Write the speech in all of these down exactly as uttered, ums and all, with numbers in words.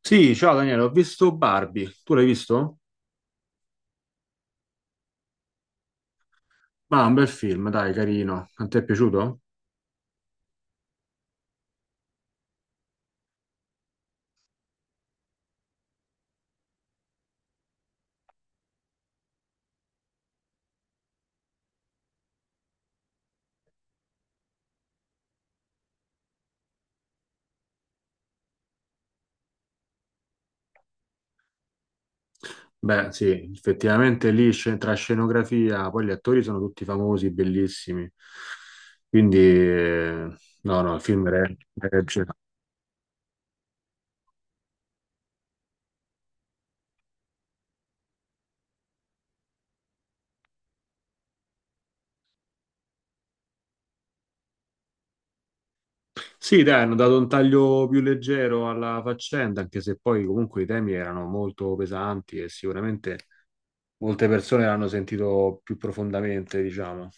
Sì, ciao Daniele, ho visto Barbie. Tu l'hai visto? Ma un bel film, dai, carino. A te è piaciuto? Beh, sì, effettivamente lì sce- tra scenografia, poi gli attori sono tutti famosi, bellissimi. Quindi, eh, no, no, il film re- regge. Sì, dai, hanno dato un taglio più leggero alla faccenda, anche se poi comunque i temi erano molto pesanti e sicuramente molte persone l'hanno sentito più profondamente, diciamo.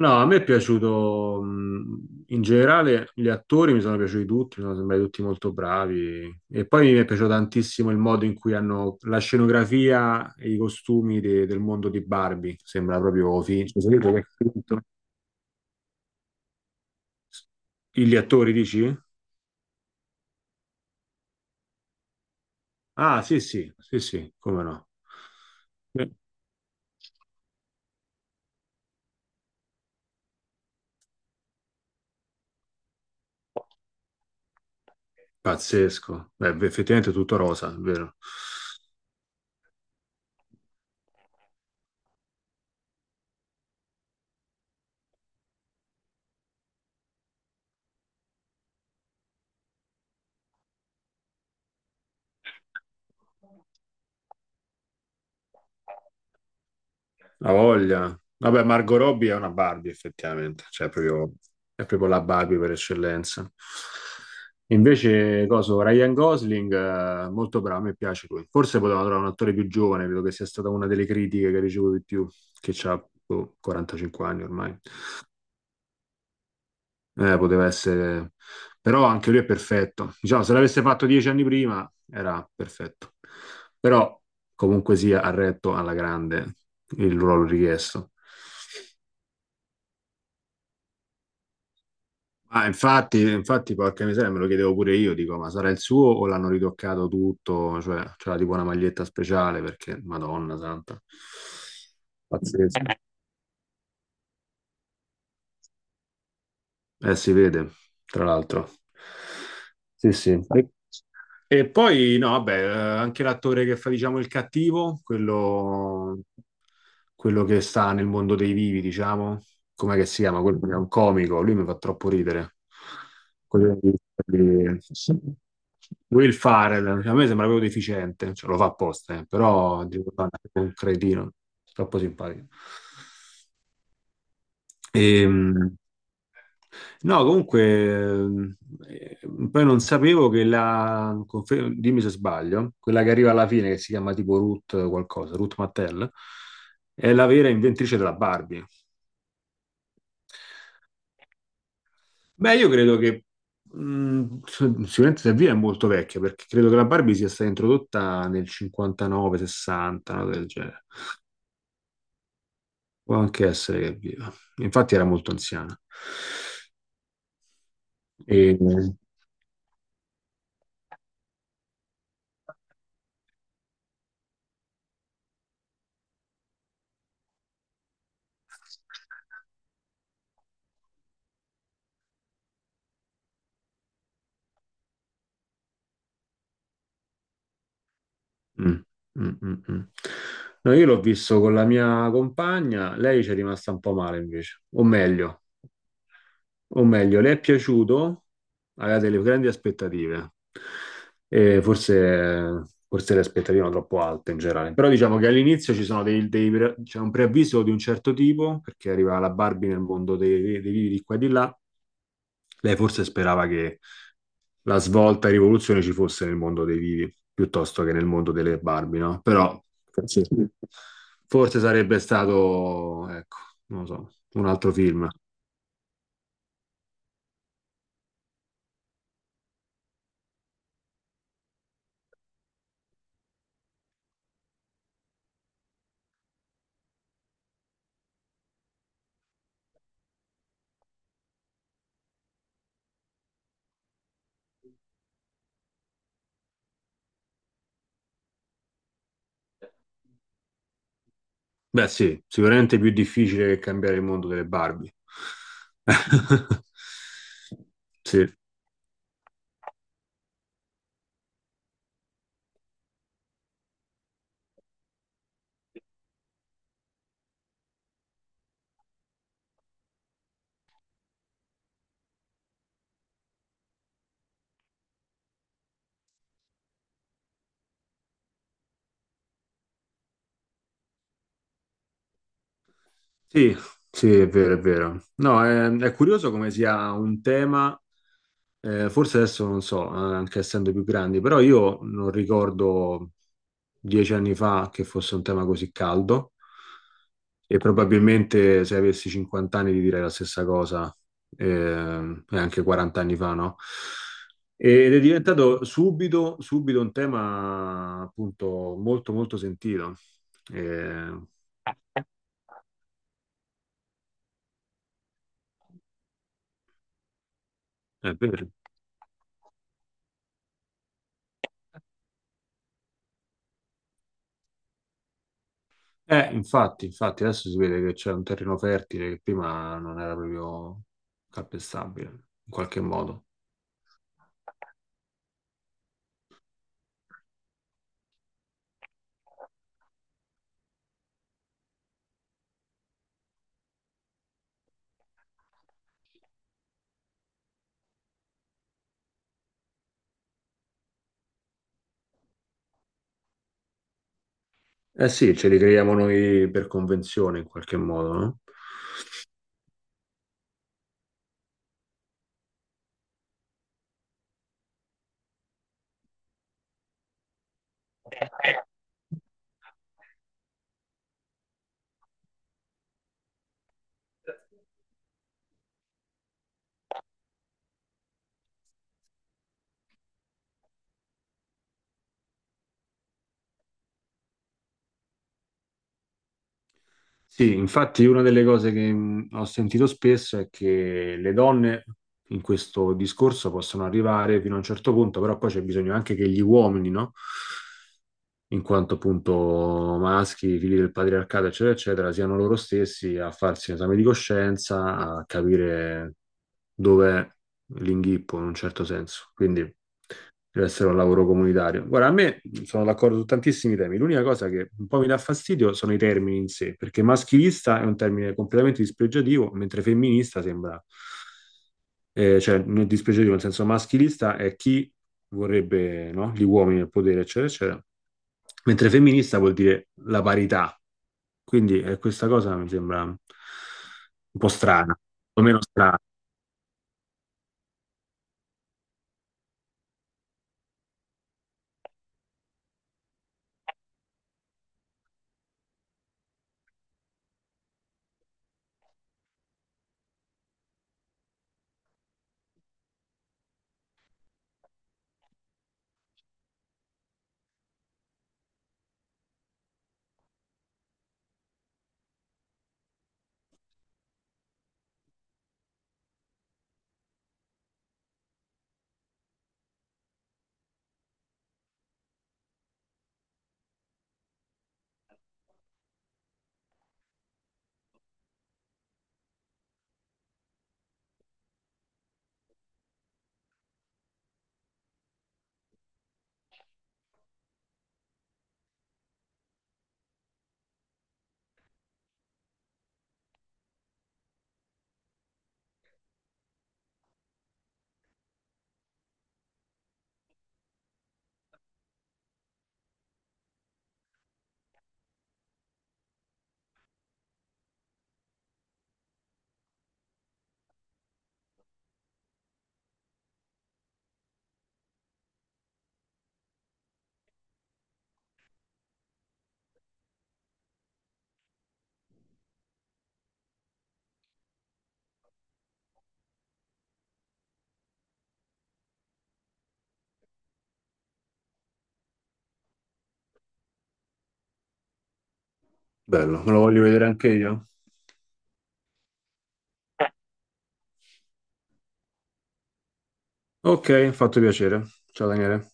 No, a me è piaciuto, mh, in generale gli attori mi sono piaciuti tutti, mi sono sembrati tutti molto bravi e poi mi è piaciuto tantissimo il modo in cui hanno la scenografia e i costumi de- del mondo di Barbie, sembra proprio finto. Cioè, sapete che è finto? Gli attori dici? Ah, sì, sì, sì, sì, come no. Eh, Pazzesco. Beh, effettivamente è tutto rosa, è vero. La voglia. Vabbè, Margot Robbie è una Barbie, effettivamente, cioè proprio- è proprio la Barbie per eccellenza. Invece, coso, Ryan Gosling, eh, molto bravo, a me piace lui. Forse potevano trovare un attore più giovane, credo che sia stata una delle critiche che ricevo di più, che ha quarantacinque anni ormai. Eh, poteva essere. Però anche lui è perfetto. Diciamo, se l'avesse fatto dieci anni prima, era perfetto. Però, comunque sia, ha retto alla grande il ruolo richiesto. Ma infatti, infatti, porca miseria, me lo chiedevo pure io, dico, ma sarà il suo o l'hanno ritoccato tutto? Cioè, c'era tipo una maglietta speciale perché, Madonna santa, pazzesco. Eh, si vede, tra l'altro. Sì, sì. E, e poi, no, vabbè, eh, anche l'attore che fa, diciamo, il cattivo, quello quello che sta nel mondo dei vivi, diciamo, com'è che si chiama? Quello che è un comico, lui mi fa troppo ridere. Quello di- Will Farrell, cioè, a me sembra proprio deficiente, cioè, lo fa apposta, eh, però dico, guarda, è un cretino, troppo simpatico. Ehm, no, comunque, ehm, eh, poi non sapevo che la, confer- dimmi se sbaglio, quella che arriva alla fine, che si chiama tipo Ruth qualcosa, Ruth Mattel, è la vera inventrice della Barbie. Beh, io credo che mh, sicuramente se via è molto vecchia, perché credo che la Barbie sia stata introdotta nel cinquantanove sessanta, una cosa del genere. Può anche essere che è viva. Infatti era molto anziana. E, Mm, mm, mm, mm. No, io l'ho visto con la mia compagna, lei ci è rimasta un po' male invece, o meglio, o meglio, le è piaciuto, aveva delle grandi aspettative, e forse, forse le aspettative erano troppo alte in generale, però diciamo che all'inizio ci sono dei, dei pre- c'è un preavviso di un certo tipo, perché arriva la Barbie nel mondo dei, dei vivi di qua e di là, lei forse sperava che la svolta e rivoluzione ci fosse nel mondo dei vivi piuttosto che nel mondo delle Barbie, no? Però sì. Forse sarebbe stato, ecco, non lo so, un altro film. Beh, sì, sicuramente più difficile che cambiare il mondo delle Barbie. Sì, sì, sì, è vero, è vero. No, è, è curioso come sia un tema. Eh, forse adesso non so, eh, anche essendo più grandi, però io non ricordo dieci anni fa che fosse un tema così caldo e probabilmente se avessi cinquanta anni ti direi la stessa cosa, eh, e anche quaranta anni fa, no? Ed è diventato subito, subito un tema appunto molto molto sentito. Eh, è vero. Eh, infatti, infatti, adesso si vede che c'è un terreno fertile che prima non era proprio calpestabile, in qualche modo. Eh sì, ce li creiamo noi per convenzione, in qualche modo, no? Sì, infatti una delle cose che mh, ho sentito spesso è che le donne in questo discorso possono arrivare fino a un certo punto, però poi c'è bisogno anche che gli uomini, no? In quanto appunto maschi, figli del patriarcato, eccetera, eccetera, siano loro stessi a farsi un esame di coscienza, a capire dov'è l'inghippo in un certo senso. Quindi deve essere un lavoro comunitario. Guarda, a me sono d'accordo su tantissimi temi. L'unica cosa che un po' mi dà fastidio sono i termini in sé, perché maschilista è un termine completamente dispregiativo, mentre femminista sembra eh, cioè nel dispiacere nel senso maschilista è chi vorrebbe, no, gli uomini nel potere, eccetera, eccetera, mentre femminista vuol dire la parità. Quindi eh, questa cosa mi sembra un po' strana, o meno strana. Bello, me lo voglio vedere anche io. Ok, fatto piacere. Ciao Daniele.